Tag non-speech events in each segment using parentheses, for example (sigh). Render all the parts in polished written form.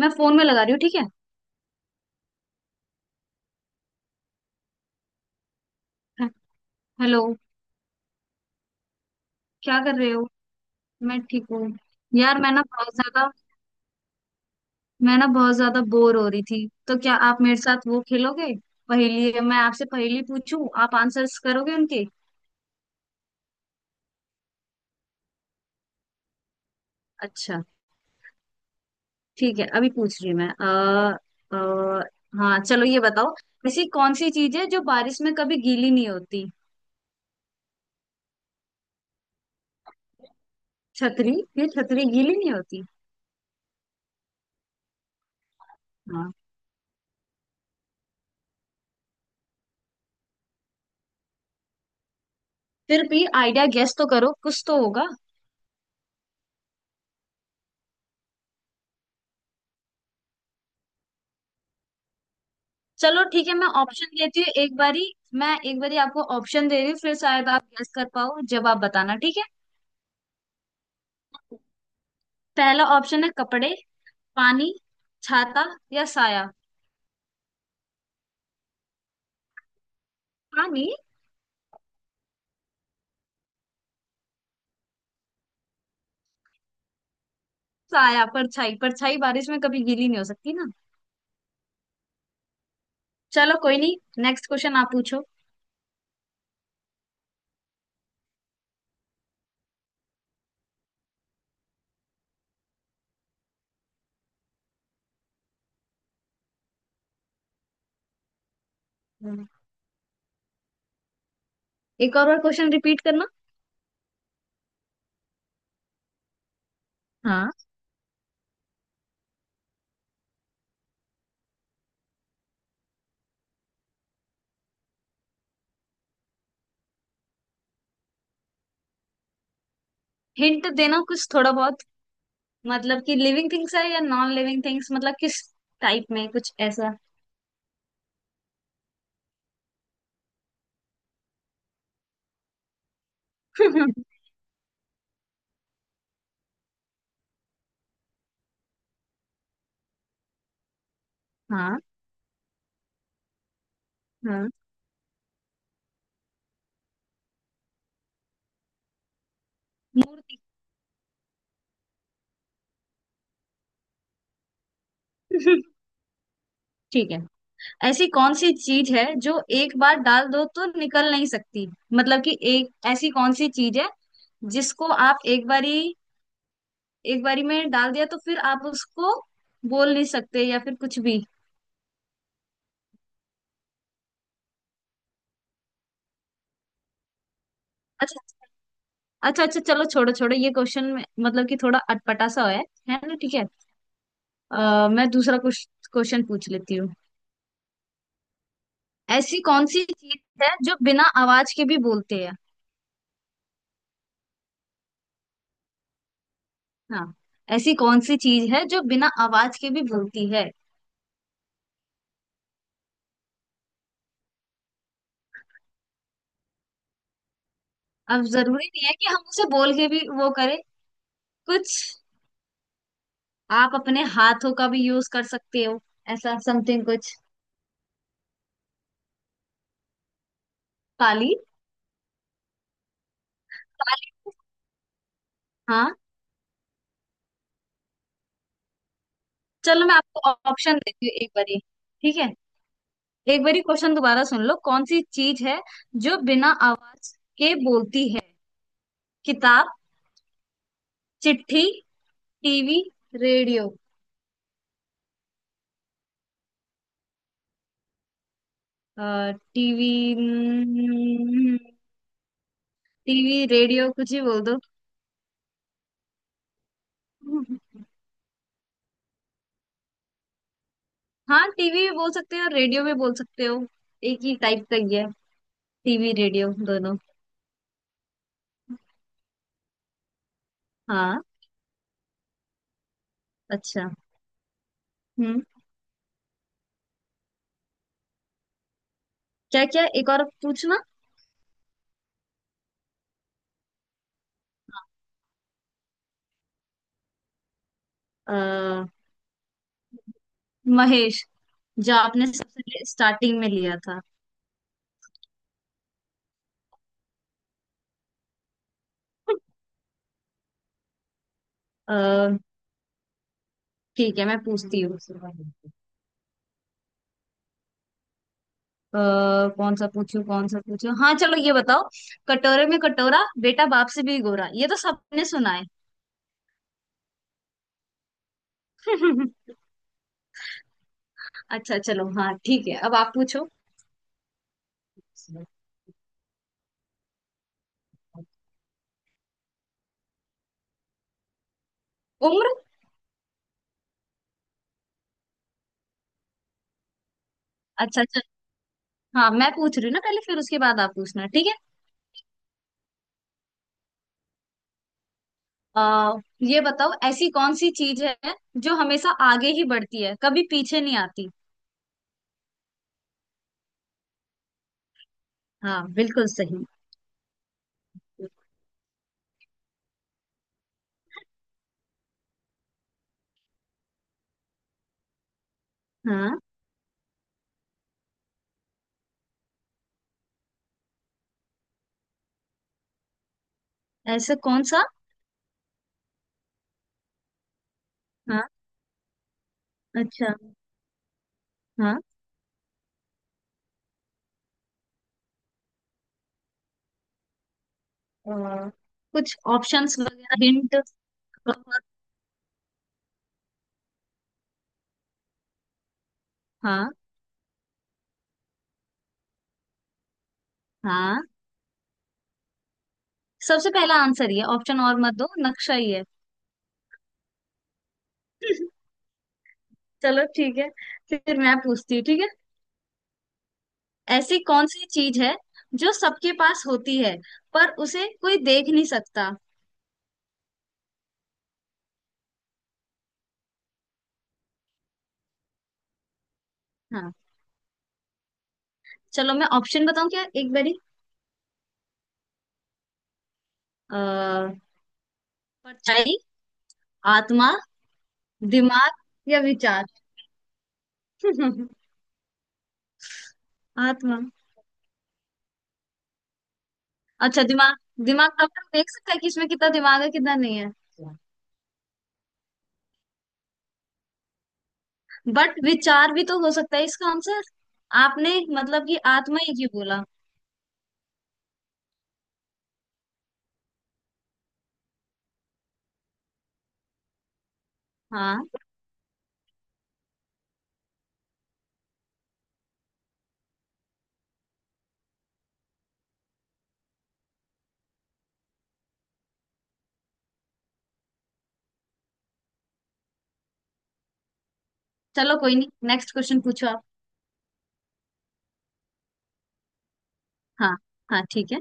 मैं फोन में लगा रही हूँ। ठीक है। हे- हेलो। क्या कर रहे हो? मैं ठीक हूँ। यार मैं ना बहुत ज्यादा बोर हो रही थी, तो क्या आप मेरे साथ वो खेलोगे? पहेली? मैं आपसे पहेली पूछूं, आप आंसर्स करोगे उनके? अच्छा, ठीक है, अभी पूछ रही हूँ मैं। आ, हाँ चलो, ये बताओ, ऐसी कौन सी चीज है जो बारिश में कभी गीली नहीं होती? छतरी? ये छतरी गीली नहीं होती। हाँ। फिर भी आइडिया गेस तो करो, कुछ तो होगा। चलो ठीक है, मैं ऑप्शन देती हूँ एक बारी। मैं एक बारी आपको ऑप्शन दे रही हूँ, फिर शायद आप गेस कर पाओ। जवाब बताना, ठीक है। पहला ऑप्शन है कपड़े, पानी, छाता, या साया। पानी? साया, परछाई। परछाई बारिश में कभी गीली नहीं हो सकती ना। चलो कोई नहीं, नेक्स्ट क्वेश्चन आप पूछो। हम्म। एक और बार क्वेश्चन रिपीट करना। हाँ। हिंट देना कुछ थोड़ा बहुत। मतलब कि लिविंग थिंग्स है या नॉन लिविंग थिंग्स, मतलब किस टाइप में, कुछ ऐसा। (laughs) हाँ। हाँ, मूर्ति। (laughs) ठीक है। ऐसी कौन सी चीज है जो एक बार डाल दो तो निकल नहीं सकती? मतलब कि एक ऐसी कौन सी चीज है जिसको आप एक बारी, एक बारी में डाल दिया तो फिर आप उसको बोल नहीं सकते या फिर कुछ भी। अच्छा। अच्छा अच्छा, चलो छोड़ो छोड़ो, ये क्वेश्चन में मतलब कि थोड़ा अटपटा सा है ना? ठीक है। मैं दूसरा क्वेश्चन पूछ लेती हूँ। ऐसी कौन सी चीज है जो बिना आवाज के भी बोलते हैं? हाँ, ऐसी कौन सी चीज है जो बिना आवाज के भी बोलती है? अब जरूरी नहीं है कि हम उसे बोल के भी वो करें कुछ। आप अपने हाथों का भी यूज कर सकते हो, ऐसा समथिंग कुछ। ताली? ताली, हाँ। चलो मैं आपको ऑप्शन देती हूँ एक बारी। ठीक है। एक बारी क्वेश्चन दोबारा सुन लो, कौन सी चीज है जो बिना आवाज के बोलती है? किताब, चिट्ठी, टीवी, रेडियो। टीवी? हम्म, टीवी रेडियो कुछ ही बोल दो। हाँ, टीवी भी बोल सकते हो, रेडियो भी बोल सकते हो। एक ही टाइप का ही है टीवी रेडियो दोनों। हाँ। अच्छा। हम्म। क्या क्या, एक और पूछना? अ, महेश। जो आपने सबसे स्टार्टिंग में लिया था। अ, ठीक है, मैं पूछती हूँ। अ, कौन सा पूछूं, हाँ चलो ये बताओ। कटोरे में कटोरा, बेटा बाप से भी गोरा। ये तो सबने सुना है। (laughs) अच्छा, चलो हाँ ठीक है, अब आप पूछो। उम्र। अच्छा अच्छा। हाँ मैं पूछ रही हूँ ना पहले, फिर उसके बाद आप पूछना, ठीक है? आ, ये बताओ, ऐसी कौन सी चीज है जो हमेशा आगे ही बढ़ती है, कभी पीछे नहीं आती? हाँ, बिल्कुल सही। हाँ। ऐसा कौन सा? हाँ। अच्छा। हाँ। आ, कुछ ऑप्शंस वगैरह, हिंट? हाँ। हाँ, सबसे पहला आंसर ये, ऑप्शन और मत दो, नक्शा ही है। (laughs) चलो ठीक है, फिर मैं पूछती हूँ, ठीक है। ऐसी कौन सी चीज है जो सबके पास होती है पर उसे कोई देख नहीं सकता? हाँ। चलो मैं ऑप्शन बताऊं क्या एक बारी? परछाई, आत्मा, दिमाग, या विचार? (laughs) आत्मा? अच्छा, दिमाग। दिमाग डॉक्टर देख सकता है कि इसमें कितना दिमाग है कितना नहीं है। बट विचार भी तो हो सकता है इसका आंसर। आपने मतलब कि आत्मा ही क्यों बोला? हाँ। चलो कोई नहीं, नेक्स्ट क्वेश्चन पूछो आप। हाँ। हाँ, ठीक है।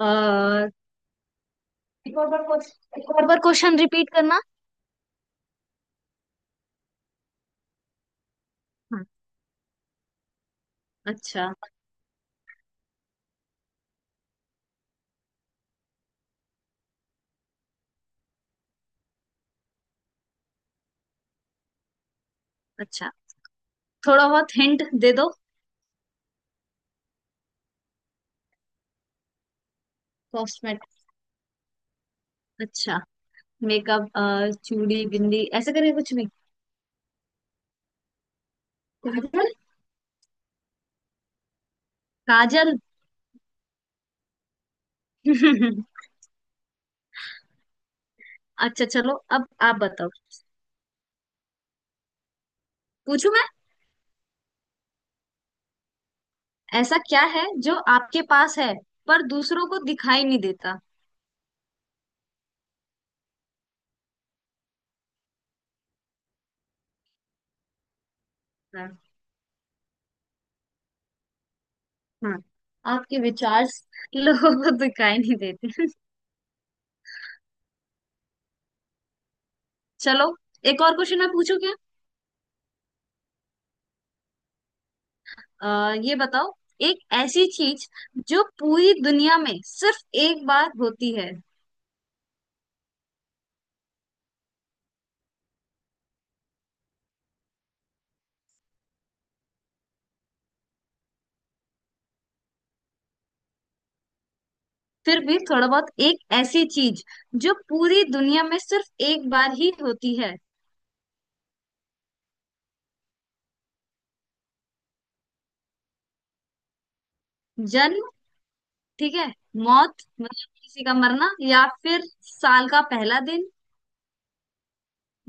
और एक और बार क्वेश्चन, एक और बार क्वेश्चन रिपीट करना। हाँ। अच्छा। अच्छा, थोड़ा बहुत हिंट दे दो। कॉस्मेटिक? अच्छा, मेकअप। चूड़ी बिंदी ऐसे करके कुछ? नहीं? काजल। (laughs) अच्छा चलो, अब आप बताओ। पूछू मैं? ऐसा क्या है जो आपके पास है पर दूसरों को दिखाई नहीं देता? है? हाँ, आपके विचार। (laughs) लोगों को दिखाई नहीं देते। (laughs) चलो, एक और क्वेश्चन मैं पूछू क्या? ये बताओ, एक ऐसी चीज जो पूरी दुनिया में सिर्फ एक बार होती है। फिर भी थोड़ा बहुत, एक ऐसी चीज जो पूरी दुनिया में सिर्फ एक बार ही होती है। जन्म? ठीक है। मौत, मतलब किसी का मरना, या फिर साल का पहला दिन,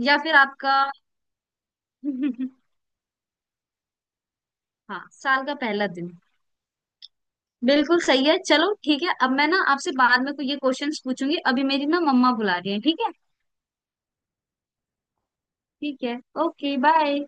या फिर आपका। (laughs) हाँ, साल का पहला दिन, बिल्कुल सही है। चलो ठीक है, अब मैं ना आपसे बाद में कोई ये क्वेश्चंस पूछूंगी, अभी मेरी ना मम्मा बुला रही है, ठीक है? ठीक है, ओके बाय।